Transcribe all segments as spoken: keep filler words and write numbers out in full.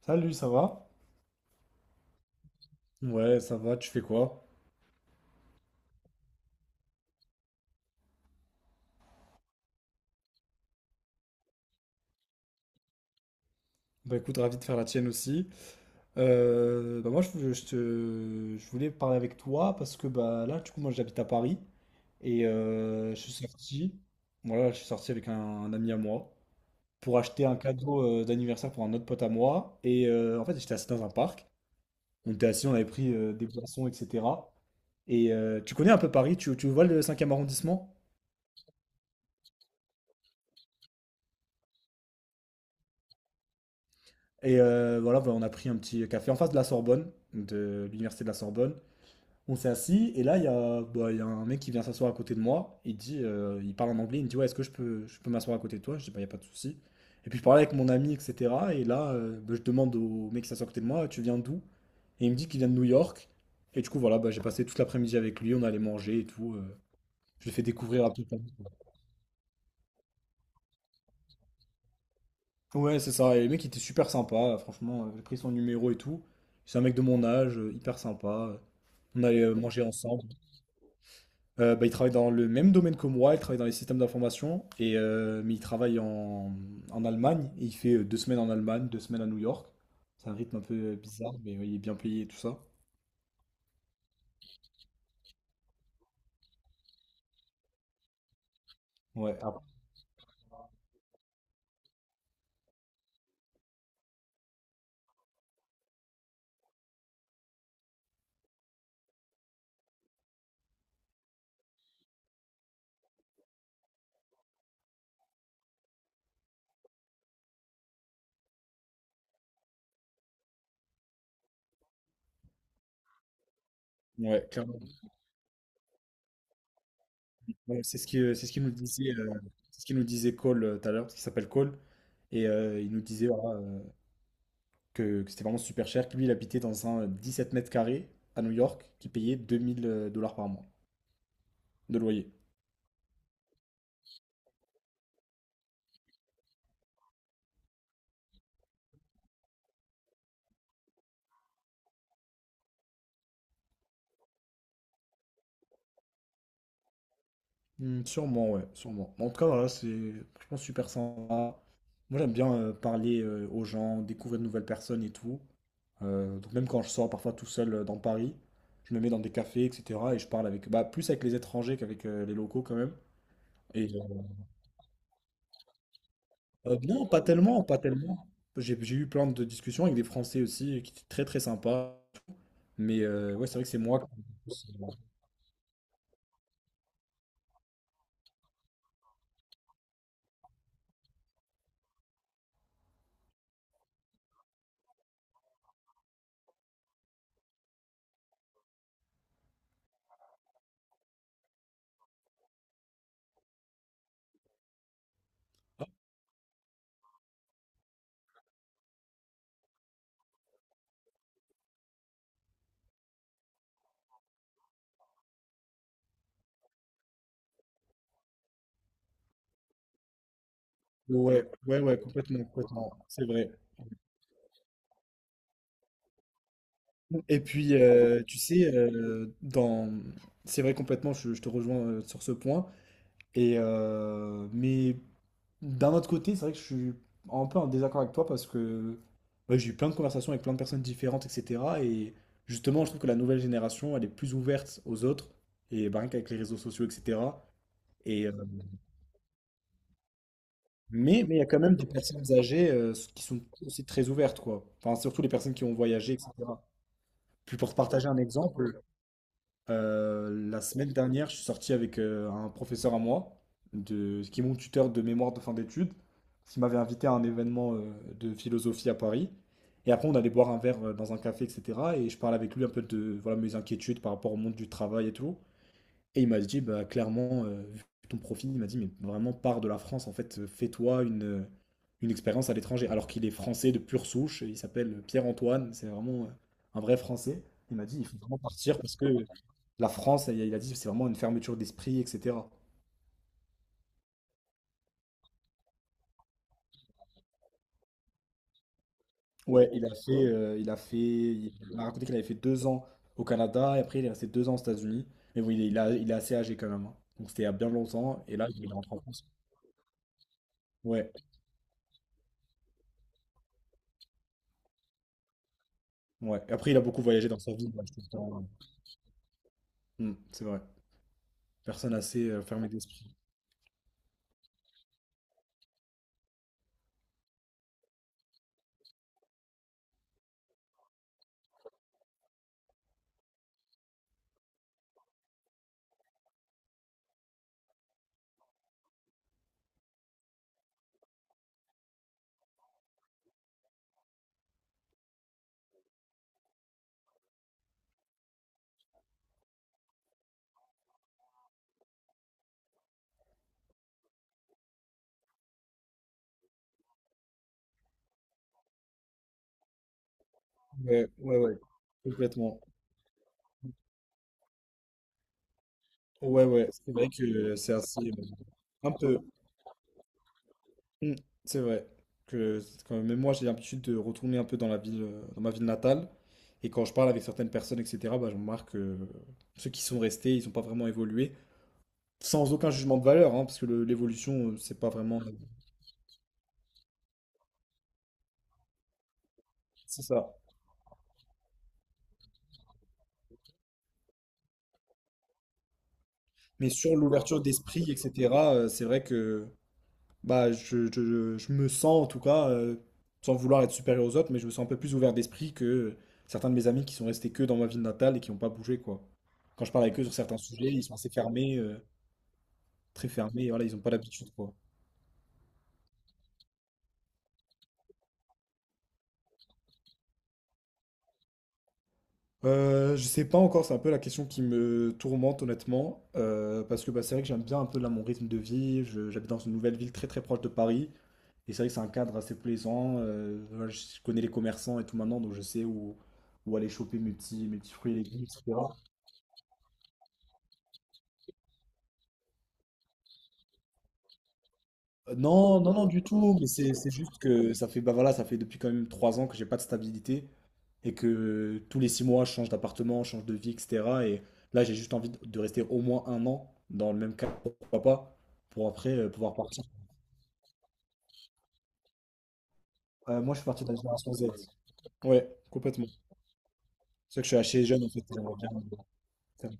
Salut, ça va? Ouais, ça va, tu fais quoi? Bah écoute, ravi de faire la tienne aussi. Euh, bah moi, je, je te- je voulais parler avec toi parce que bah là, du coup, moi, j'habite à Paris et euh, je suis sorti. Voilà, je suis sorti avec un, un ami à moi pour acheter un cadeau euh, d'anniversaire pour un autre pote à moi. Et euh, en fait, j'étais assis dans un parc. On était assis, on avait pris euh, des boissons, et cetera. Et euh, tu connais un peu Paris? Tu, tu vois le cinquième arrondissement? Et euh, voilà, bah, on a pris un petit café en face de la Sorbonne, de l'université de la Sorbonne. On s'est assis et là, il y a, bah, il y a un mec qui vient s'asseoir à côté de moi. Il dit, euh, il parle en anglais, il me dit, ouais, est-ce que je peux, je peux m'asseoir à côté de toi? Je dis, bah, il n'y a pas de souci. Et puis je parlais avec mon ami, et cetera. Et là, euh, bah, je demande au mec qui s'assoit à côté de moi, tu viens d'où? Et il me dit qu'il vient de New York. Et du coup, voilà, bah, j'ai passé toute l'après-midi avec lui, on allait manger et tout. euh. Je lui ai fait découvrir un peu. Ouais, c'est ça. Et le mec il était super sympa, franchement. euh, J'ai pris son numéro et tout. C'est un mec de mon âge, euh, hyper sympa. On allait euh, manger ensemble. Euh, bah, il travaille dans le même domaine que moi, il travaille dans les systèmes d'information, et, euh, mais il travaille en, en Allemagne. Et il fait euh, deux semaines en Allemagne, deux semaines à New York. C'est un rythme un peu euh, bizarre, mais ouais, il est bien payé et tout ça. Ouais, ah, ouais, clairement. Ouais, c'est ce qui, euh, c'est ce qu'il nous disait, euh, c'est ce qu'il nous disait Cole euh, tout à l'heure, parce qu'il s'appelle Cole. Et euh, il nous disait, voilà, euh, que, que c'était vraiment super cher, que lui, il habitait dans un dix-sept mètres carrés à New York, qui payait deux mille dollars par mois de loyer. Hmm, sûrement, ouais, sûrement. En tout cas, voilà, c'est franchement super sympa. Moi, j'aime bien euh, parler euh, aux gens, découvrir de nouvelles personnes et tout. Euh, donc, même quand je sors parfois tout seul euh, dans Paris, je me mets dans des cafés, et cetera. Et je parle avec, bah, plus avec les étrangers qu'avec euh, les locaux quand même. Et euh, euh, non, pas tellement, pas tellement. J'ai j'ai eu plein de discussions avec des Français aussi euh, qui étaient très très sympas. Mais heu, ouais, c'est vrai que c'est moi qui- ouais, ouais, ouais, complètement, complètement, c'est vrai. Et puis, heu, tu sais, heu, dans c'est vrai complètement, je je te rejoins, heu, sur ce point et heu, mais d'un autre côté, c'est vrai que je suis un peu en désaccord avec toi parce que, bah, j'ai eu plein de conversations avec plein de personnes différentes et cetera et justement, je trouve que la nouvelle génération, elle est plus ouverte aux autres et bah, rien qu'avec les réseaux sociaux et cetera et heu Mais mais il y a quand même des personnes âgées, euh, qui sont aussi très ouvertes, quoi. Enfin, surtout les personnes qui ont voyagé, et cetera. Puis pour te partager un exemple, euh, la semaine dernière, je suis sorti avec euh, un professeur à moi, de, qui est mon tuteur de mémoire de fin d'études, qui m'avait invité à un événement euh, de philosophie à Paris. Et après, on allait boire un verre euh, dans un café, et cetera. Et je parlais avec lui un peu de voilà, mes inquiétudes par rapport au monde du travail et tout. Et il m'a dit, bah, clairement, euh, vu ton profil, il m'a dit, mais vraiment, pars de la France, en fait, euh, fais-toi une, euh, une expérience à l'étranger. Alors qu'il est français de pure souche, il s'appelle Pierre-Antoine, c'est vraiment euh, un vrai français. Il m'a dit, il faut- La France, il a il a dit, c'est vraiment une fermeture d'esprit, et cetera. Ouais, il a fait, euh, il a fait, il m'a raconté qu'il avait fait deux ans au Canada, et après, il est resté deux ans aux États-Unis. Mais bon, il est, il a, il est assez âgé quand même. hein. Donc, c'était il y a bien longtemps, et là, il est rentré en France. Ouais, ouais. Et Après, il a beaucoup voyagé dans sa vie, ouais, je trouve ça, ouais. Hmm, c'est vrai. Personne assez euh, fermée d'esprit. Ouais, ouais, ouais, complètement. Ouais, ouais, c'est vrai que c'est assez. euh, un peu. Mm. C'est vrai que c'est quand même moi, j'ai l'habitude de retourner un peu dans la ville, euh, dans ma ville natale. Et quand je parle avec certaines personnes, et cetera, bah, je remarque que ceux qui sont restés, ils n'ont pas vraiment évolué. Sans aucun jugement de valeur, hein, parce que le- l'évolution, euh, c'est pas vraiment. C'est ça. Mais sur l'ouverture d'esprit, et cetera, euh, c'est vrai que. Bah, je, je- je- je me sens en tout cas, euh, sans vouloir être supérieur aux autres, mais je me sens un peu plus ouvert d'esprit que euh, certains de mes amis qui sont restés que dans ma ville natale et qui n'ont pas bougé, quoi. Quand je parle avec eux sur certains sujets, ils sont assez fermés, euh, très fermés, et voilà, ils n'ont pas l'habitude, quoi. Euh, je sais pas encore, c'est un peu la question qui me tourmente honnêtement, euh, parce que bah, c'est vrai que j'aime bien un peu là mon rythme de vie, je- j'habite dans une nouvelle ville très très proche de Paris, et c'est vrai que c'est un cadre assez plaisant, euh, voilà, je je connais les commerçants et tout maintenant, donc je sais où, où aller choper mes petits, mes petits fruits et légumes, et cetera. Euh, non, non, non, du tout, mais c'est c'est juste que ça fait, bah voilà, ça fait depuis quand même trois ans que j'ai pas de stabilité, et que tous les six mois, je change d'appartement, je change de vie, et cetera. Et là, j'ai juste envie de de rester au moins un an dans le même cadre, pourquoi pas, pour après euh, pouvoir partir. Euh, moi, je suis parti de la génération zed. Ouais, complètement. C'est vrai que je suis assez jeune, en fait. j'aimerais bien, euh, faire-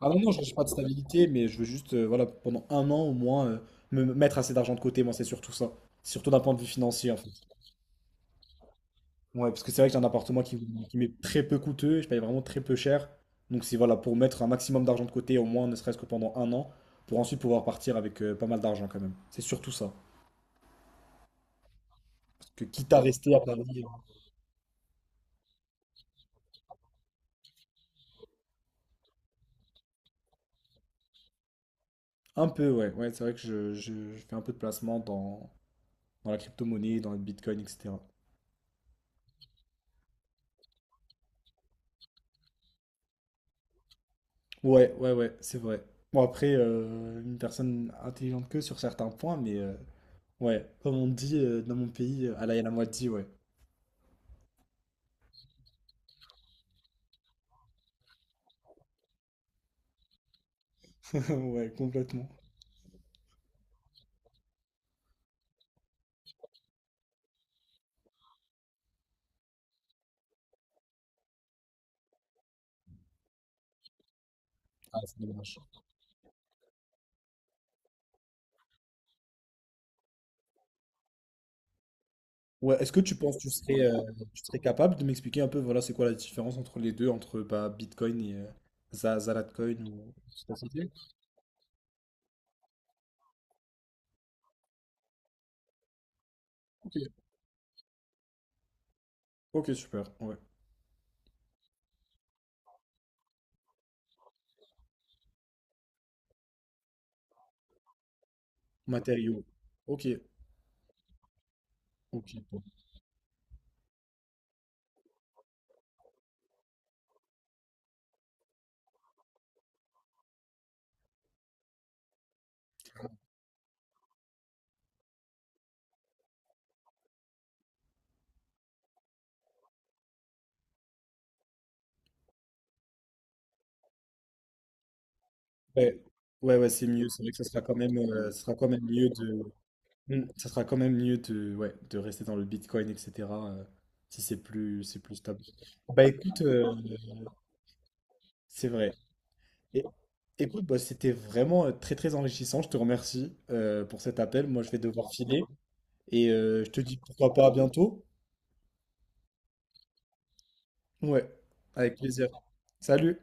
Ah non, non, je cherche pas de stabilité, mais je veux juste, euh, voilà, pendant un an au moins, euh, me me mettre assez d'argent de côté, moi, c'est surtout ça. Surtout d'un point de vue financier, en fait. Ouais, parce que c'est vrai que j'ai un appartement qui, qui m'est très peu coûteux, je paye vraiment très peu cher. Donc c'est voilà, pour mettre un maximum d'argent de côté, au moins ne serait-ce que pendant un an, pour ensuite pouvoir partir avec euh, pas mal d'argent quand même. C'est surtout ça. Parce que quitte à rester à Paris, euh, un peu, ouais, ouais, c'est vrai que je, je- je fais un peu de placement dans, dans la crypto-monnaie, dans le Bitcoin, et cetera. Ouais, ouais, ouais, c'est vrai. Bon, après, euh, une personne intelligente que sur certains points, mais euh, ouais, comme on dit euh, dans mon pays, euh, à la moitié, ouais. Ouais, complètement. Ouais, est-ce que tu penses que tu serais, euh, tu serais capable de m'expliquer un peu, voilà, c'est quoi la différence entre les deux, entre bah, Bitcoin et euh, Za- Zalatcoin ou... Ok, super, ouais. Matériaux. Ok, ok. Bon. Ouais, ouais, ouais, c'est mieux. C'est vrai que ça sera quand même, euh, ça sera quand même mieux de, Hmm, ça sera quand même mieux de, ouais, de rester dans le Bitcoin, et cetera euh, Si c'est plus, c'est plus stable. Bah écoute, euh, c'est vrai. Et- Écoute, bah, c'était vraiment euh, très très enrichissant. Je te remercie euh, pour cet appel. Moi, je vais devoir filer. Et euh, je te dis pourquoi pas à bientôt. Ouais, avec plaisir. Salut!